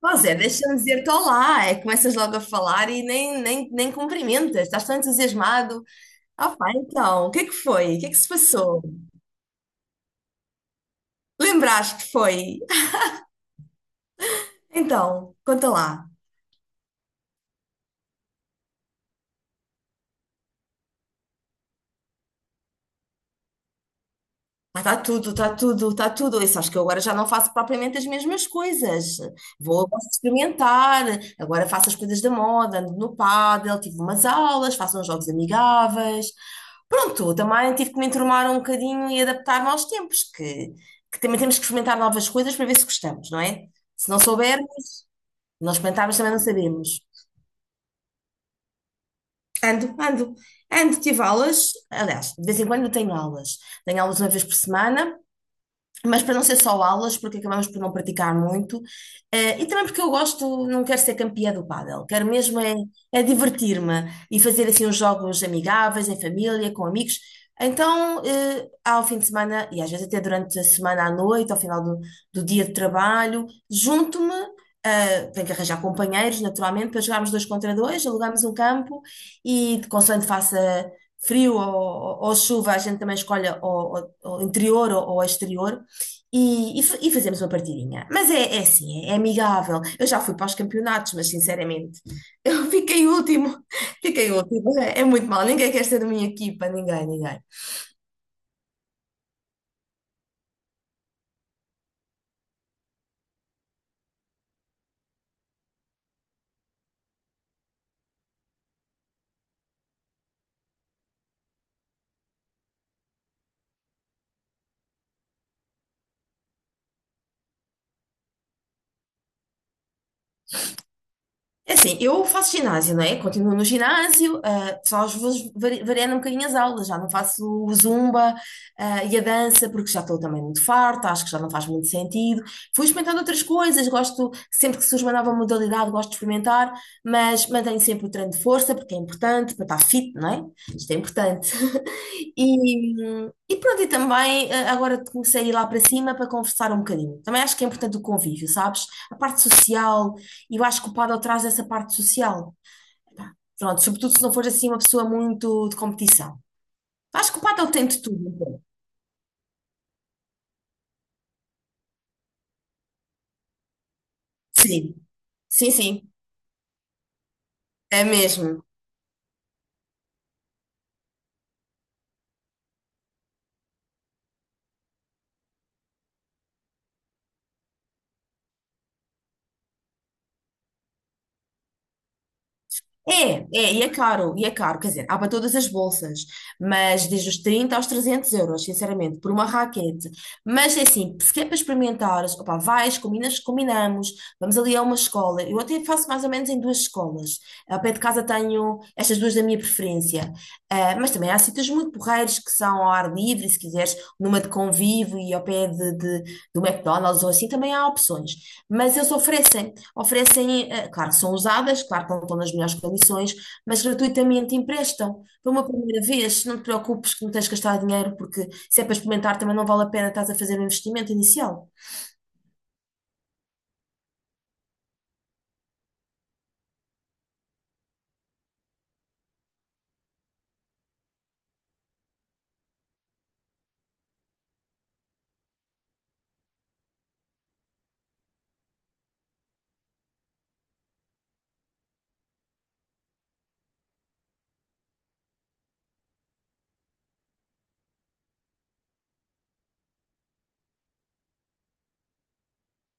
Pois é, deixa-me dizer-te olá, é, começas logo a falar e nem cumprimentas, estás tão entusiasmado. Ah, pá, então, o que é que foi? O que é que se passou? Lembraste que foi? Então, conta lá. Ah, está tudo, está tudo, está tudo. E sabes que eu agora já não faço propriamente as mesmas coisas. Posso experimentar, agora faço as coisas da moda, ando no pádel, tive umas aulas, faço uns jogos amigáveis. Pronto, também tive que me enturmar um bocadinho e adaptar-me aos tempos, que também temos que experimentar novas coisas para ver se gostamos, não é? Se não soubermos, não experimentarmos também não sabemos. Ando, ando, ando, tive aulas, aliás, de vez em quando eu tenho aulas. Tenho aulas uma vez por semana, mas para não ser só aulas, porque acabamos por não praticar muito, e também porque eu gosto, não quero ser campeã do pádel, quero mesmo é divertir-me e fazer assim uns jogos amigáveis, em família, com amigos. Então, ao fim de semana, e às vezes até durante a semana à noite, ao final do dia de trabalho, junto-me, tenho que arranjar companheiros, naturalmente, para jogarmos dois contra dois, alugamos um campo e, consoante faça frio ou chuva, a gente também escolhe o interior ou exterior. E fazemos uma partidinha. Mas é assim, é amigável. Eu já fui para os campeonatos, mas sinceramente, eu fiquei último. Fiquei último. É, é muito mal. Ninguém quer ser da minha equipa, ninguém, ninguém. É assim, eu faço ginásio, não é? Continuo no ginásio, ah, só às vezes variando um bocadinho as aulas, já não faço o zumba, ah, e a dança, porque já estou também muito farta, acho que já não faz muito sentido. Fui experimentando outras coisas, gosto, sempre que surge uma nova modalidade, gosto de experimentar, mas mantenho sempre o treino de força, porque é importante, para estar fit, não é? Isto é importante. E, e pronto, e também agora comecei a ir lá para cima para conversar um bocadinho. Também acho que é importante o convívio, sabes? A parte social, e eu acho que o paddle traz essa parte social. Pá, pronto, sobretudo se não for assim uma pessoa muito de competição. Acho que o paddle tem de tudo. Sim, sim, sim, é mesmo. É, é, e é caro, quer dizer, há para todas as bolsas, mas desde os 30 aos 300 euros, sinceramente, por uma raquete. Mas é assim, se quer para experimentares, opá, vais, combinas, combinamos, vamos ali a uma escola. Eu até faço mais ou menos em duas escolas. Ao pé de casa tenho estas duas da minha preferência. Ah, mas também há sítios muito porreiros que são ao ar livre, se quiseres, numa de convívio e ao pé de, do McDonald's ou assim, também há opções. Mas eles oferecem, oferecem, claro, são usadas, claro que não estão nas melhores condições, mas gratuitamente emprestam. Para uma primeira vez, não te preocupes que não tens que gastar dinheiro, porque se é para experimentar também não vale a pena, estás a fazer um investimento inicial.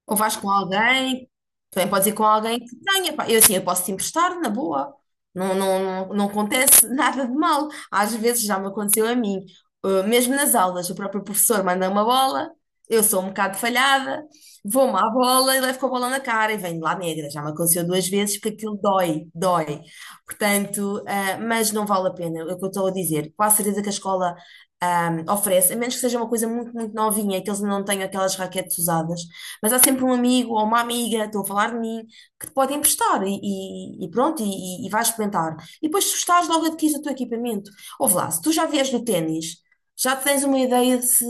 Ou vais com alguém, também podes ir com alguém que tenha, pá. Eu assim, eu posso te emprestar, na boa. Não, não, não, não acontece nada de mal. Às vezes já me aconteceu a mim. Mesmo nas aulas, o próprio professor manda uma bola, eu sou um bocado falhada, vou-me à bola e levo com a bola na cara e venho lá negra. Já me aconteceu duas vezes porque aquilo dói, dói. Portanto, ah, mas não vale a pena, é o que eu estou a dizer. Quase certeza que a escola, ah, oferece, a menos que seja uma coisa muito, muito novinha, que eles não tenham aquelas raquetes usadas. Mas há sempre um amigo ou uma amiga, estou a falar de mim, que te pode emprestar e pronto, e vais experimentar. E depois, se gostares, logo adquires o teu equipamento. Ouve lá, se tu já vies do ténis, já tens uma ideia de se,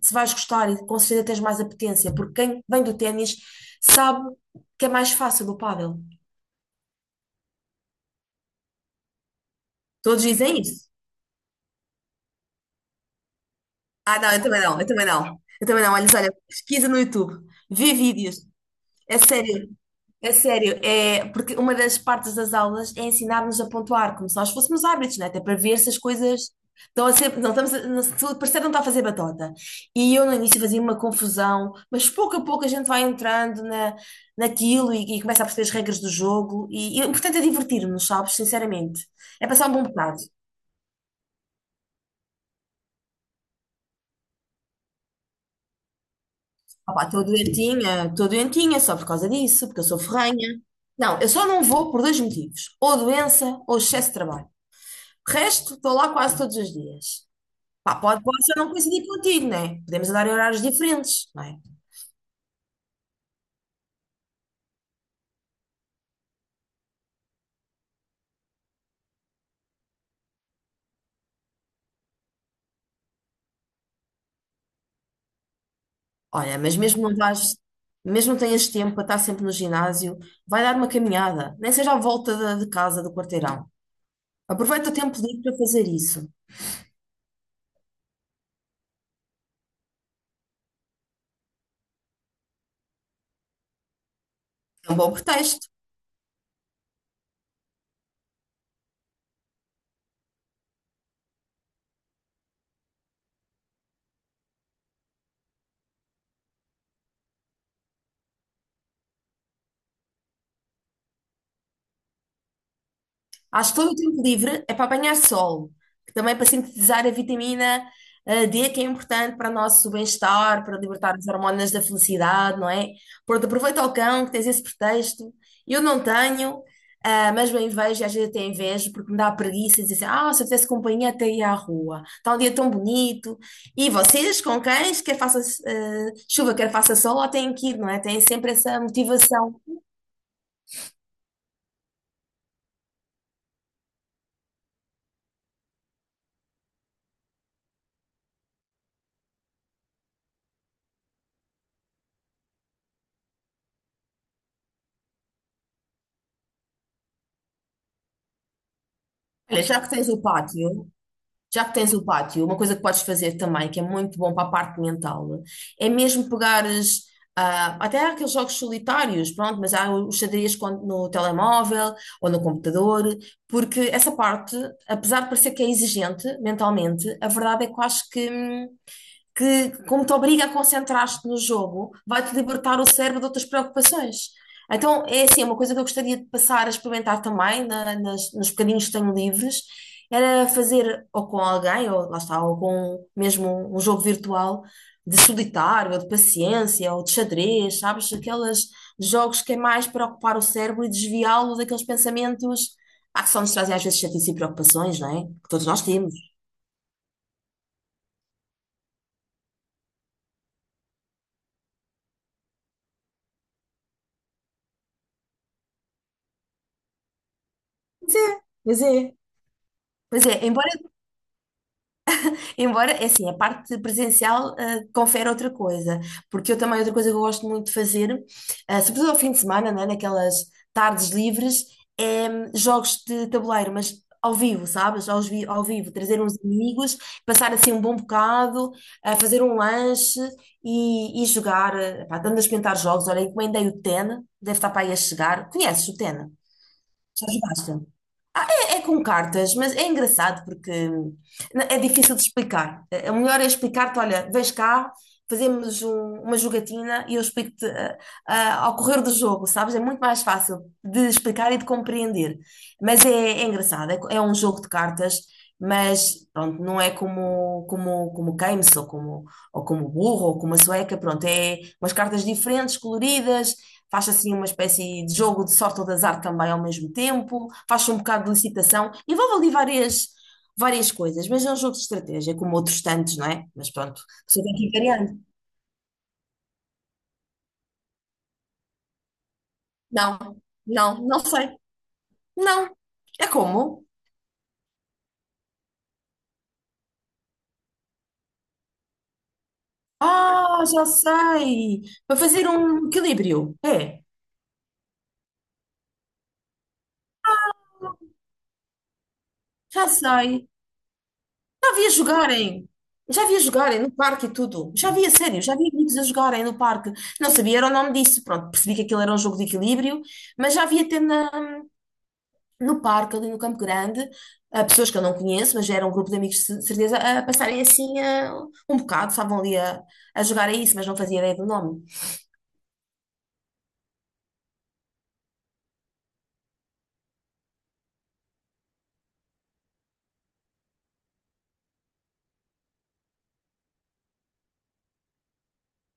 se vais gostar e com certeza tens mais apetência, porque quem vem do ténis sabe que é mais fácil do pádel. Todos dizem isso. Ah, não, eu também não, eu também não. Eu também não. Olha, olha, pesquisa no YouTube, vê vídeos. É sério, é sério, é porque uma das partes das aulas é ensinar-nos a pontuar, como se nós fôssemos árbitros, né? Até para ver se as coisas estão a ser. Não, estamos a, não, se o parceiro não está a fazer batota. E eu no início fazia uma confusão, mas pouco a pouco a gente vai entrando naquilo e começa a perceber as regras do jogo. E o importante é divertir-nos, sabes? Sinceramente. É passar um bom bocado. Opa, estou doentinha só por causa disso, porque eu sou ferrenha. Não, eu só não vou por dois motivos: ou doença ou excesso de trabalho. De resto, estou lá quase todos os dias. Pá, pode, pode ser não coincidir contigo, né? Podemos andar em horários diferentes, não é? Olha, mas mesmo não vais, mesmo não tenhas tempo para estar sempre no ginásio, vai dar uma caminhada, nem seja à volta de casa, do quarteirão. Aproveita o tempo livre para fazer isso. É um bom pretexto. Acho que todo o tempo livre é para apanhar sol, que também é para sintetizar a vitamina D, que é importante para o nosso bem-estar, para libertar as hormonas da felicidade, não é? Pronto, aproveita o cão, que tens esse pretexto. Eu não tenho, ah, mas bem vejo, e às vezes até invejo, porque me dá preguiça e dizer assim, ah, se eu tivesse companhia até ia à rua. Está um dia tão bonito. E vocês, com cães, quer faça chuva, quer faça sol, lá têm que ir, não é? Têm sempre essa motivação. Olha, já que tens o pátio, já que tens o pátio, uma coisa que podes fazer também, que é muito bom para a parte mental, é mesmo pegares, ah, até há aqueles jogos solitários, pronto, mas há os xadrez no telemóvel ou no computador, porque essa parte, apesar de parecer que é exigente mentalmente, a verdade é que eu acho que, como te obriga a concentrar-te no jogo, vai-te libertar o cérebro de outras preocupações. Então, é assim, é uma coisa que eu gostaria de passar a experimentar também, nos bocadinhos que tenho livres, era fazer ou com alguém, ou lá está, ou com mesmo um jogo virtual de solitário, ou de paciência, ou de xadrez, sabes? Aqueles jogos que é mais para ocupar o cérebro e desviá-lo daqueles pensamentos. Ah, que só nos trazem às vezes chatice e preocupações, não é? Que todos nós temos. Pois é, pois é. Pois é, embora, é assim, a parte presencial, ah, confere outra coisa, porque eu também, outra coisa que eu gosto muito de fazer, ah, sobretudo ao fim de semana, né, naquelas tardes livres, é jogos de tabuleiro, mas ao vivo, sabes? Ao vivo, trazer uns amigos, passar assim um bom bocado, ah, fazer um lanche e jogar, ah, pá, dando a experimentar jogos. Olha, encomendei o Tena, deve estar para aí a chegar. Conheces o Tena? Já jogaste? Ah, é, é com cartas, mas é engraçado porque é difícil de explicar. O melhor é explicar-te, olha, vens cá, fazemos uma jogatina e eu explico-te ah, ah, ao correr do jogo, sabes? É muito mais fácil de explicar e de compreender. Mas é, é engraçado, é um jogo de cartas, mas pronto, não é como Keynes ou como burro ou como a sueca, pronto, é umas cartas diferentes, coloridas, faz assim uma espécie de jogo de sorte ou de azar também ao mesmo tempo, faz um bocado de licitação, envolve ali várias coisas, mas é um jogo de estratégia, como outros tantos, não é? Mas pronto, você tem que ir variando. Não, não, não sei. Não. É como? Ah, já sei! Para fazer um equilíbrio. É, já sei. Já vi a jogarem. Já vi a jogarem no parque e tudo. Já vi a sério, já vi amigos a jogarem no parque. Não sabia era o nome disso. Pronto, percebi que aquilo era um jogo de equilíbrio, mas já vi até no parque, ali no Campo Grande, a pessoas que eu não conheço, mas já era um grupo de amigos de certeza, a passarem assim um bocado, estavam ali a jogar a isso, mas não fazia ideia do nome.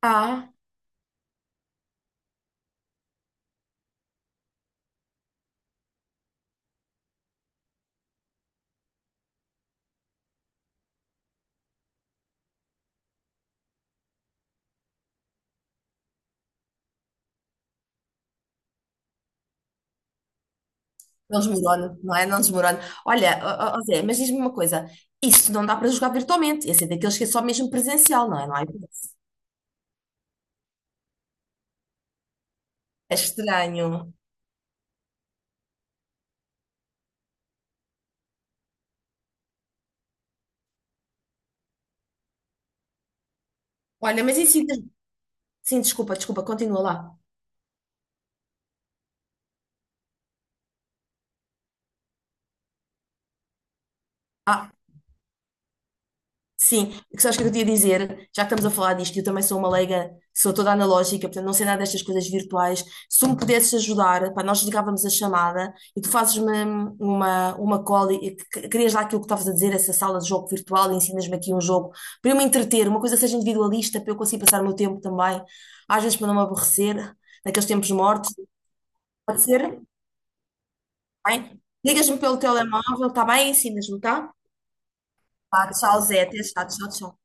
Ah, não desmorono, não é? Não desmorono. Olha, ó, ó, ó Zé, mas diz-me uma coisa: isso não dá para jogar virtualmente. Esse é daqueles que é só mesmo presencial, não é? Não há hipótese. É estranho. Olha, mas em Sintra... Sim, desculpa, desculpa, continua lá. Ah, sim, porque sabes o que sabes que eu queria dizer, já que estamos a falar disto, eu também sou uma leiga, sou toda analógica, portanto não sei nada destas coisas virtuais. Se tu me pudesses ajudar, pá, nós ligávamos a chamada e tu fazes-me uma call e querias lá aquilo que estavas a dizer, essa sala de jogo virtual e ensinas-me aqui um jogo para eu me entreter, uma coisa que seja individualista, para eu conseguir passar o meu tempo também, às vezes para não me aborrecer, naqueles tempos mortos. Pode ser? Tá bem? Ligas-me pelo telemóvel, está bem? Ensinas-me, tá? Tá, tchau, Zé. Até já. Tchau, tchau.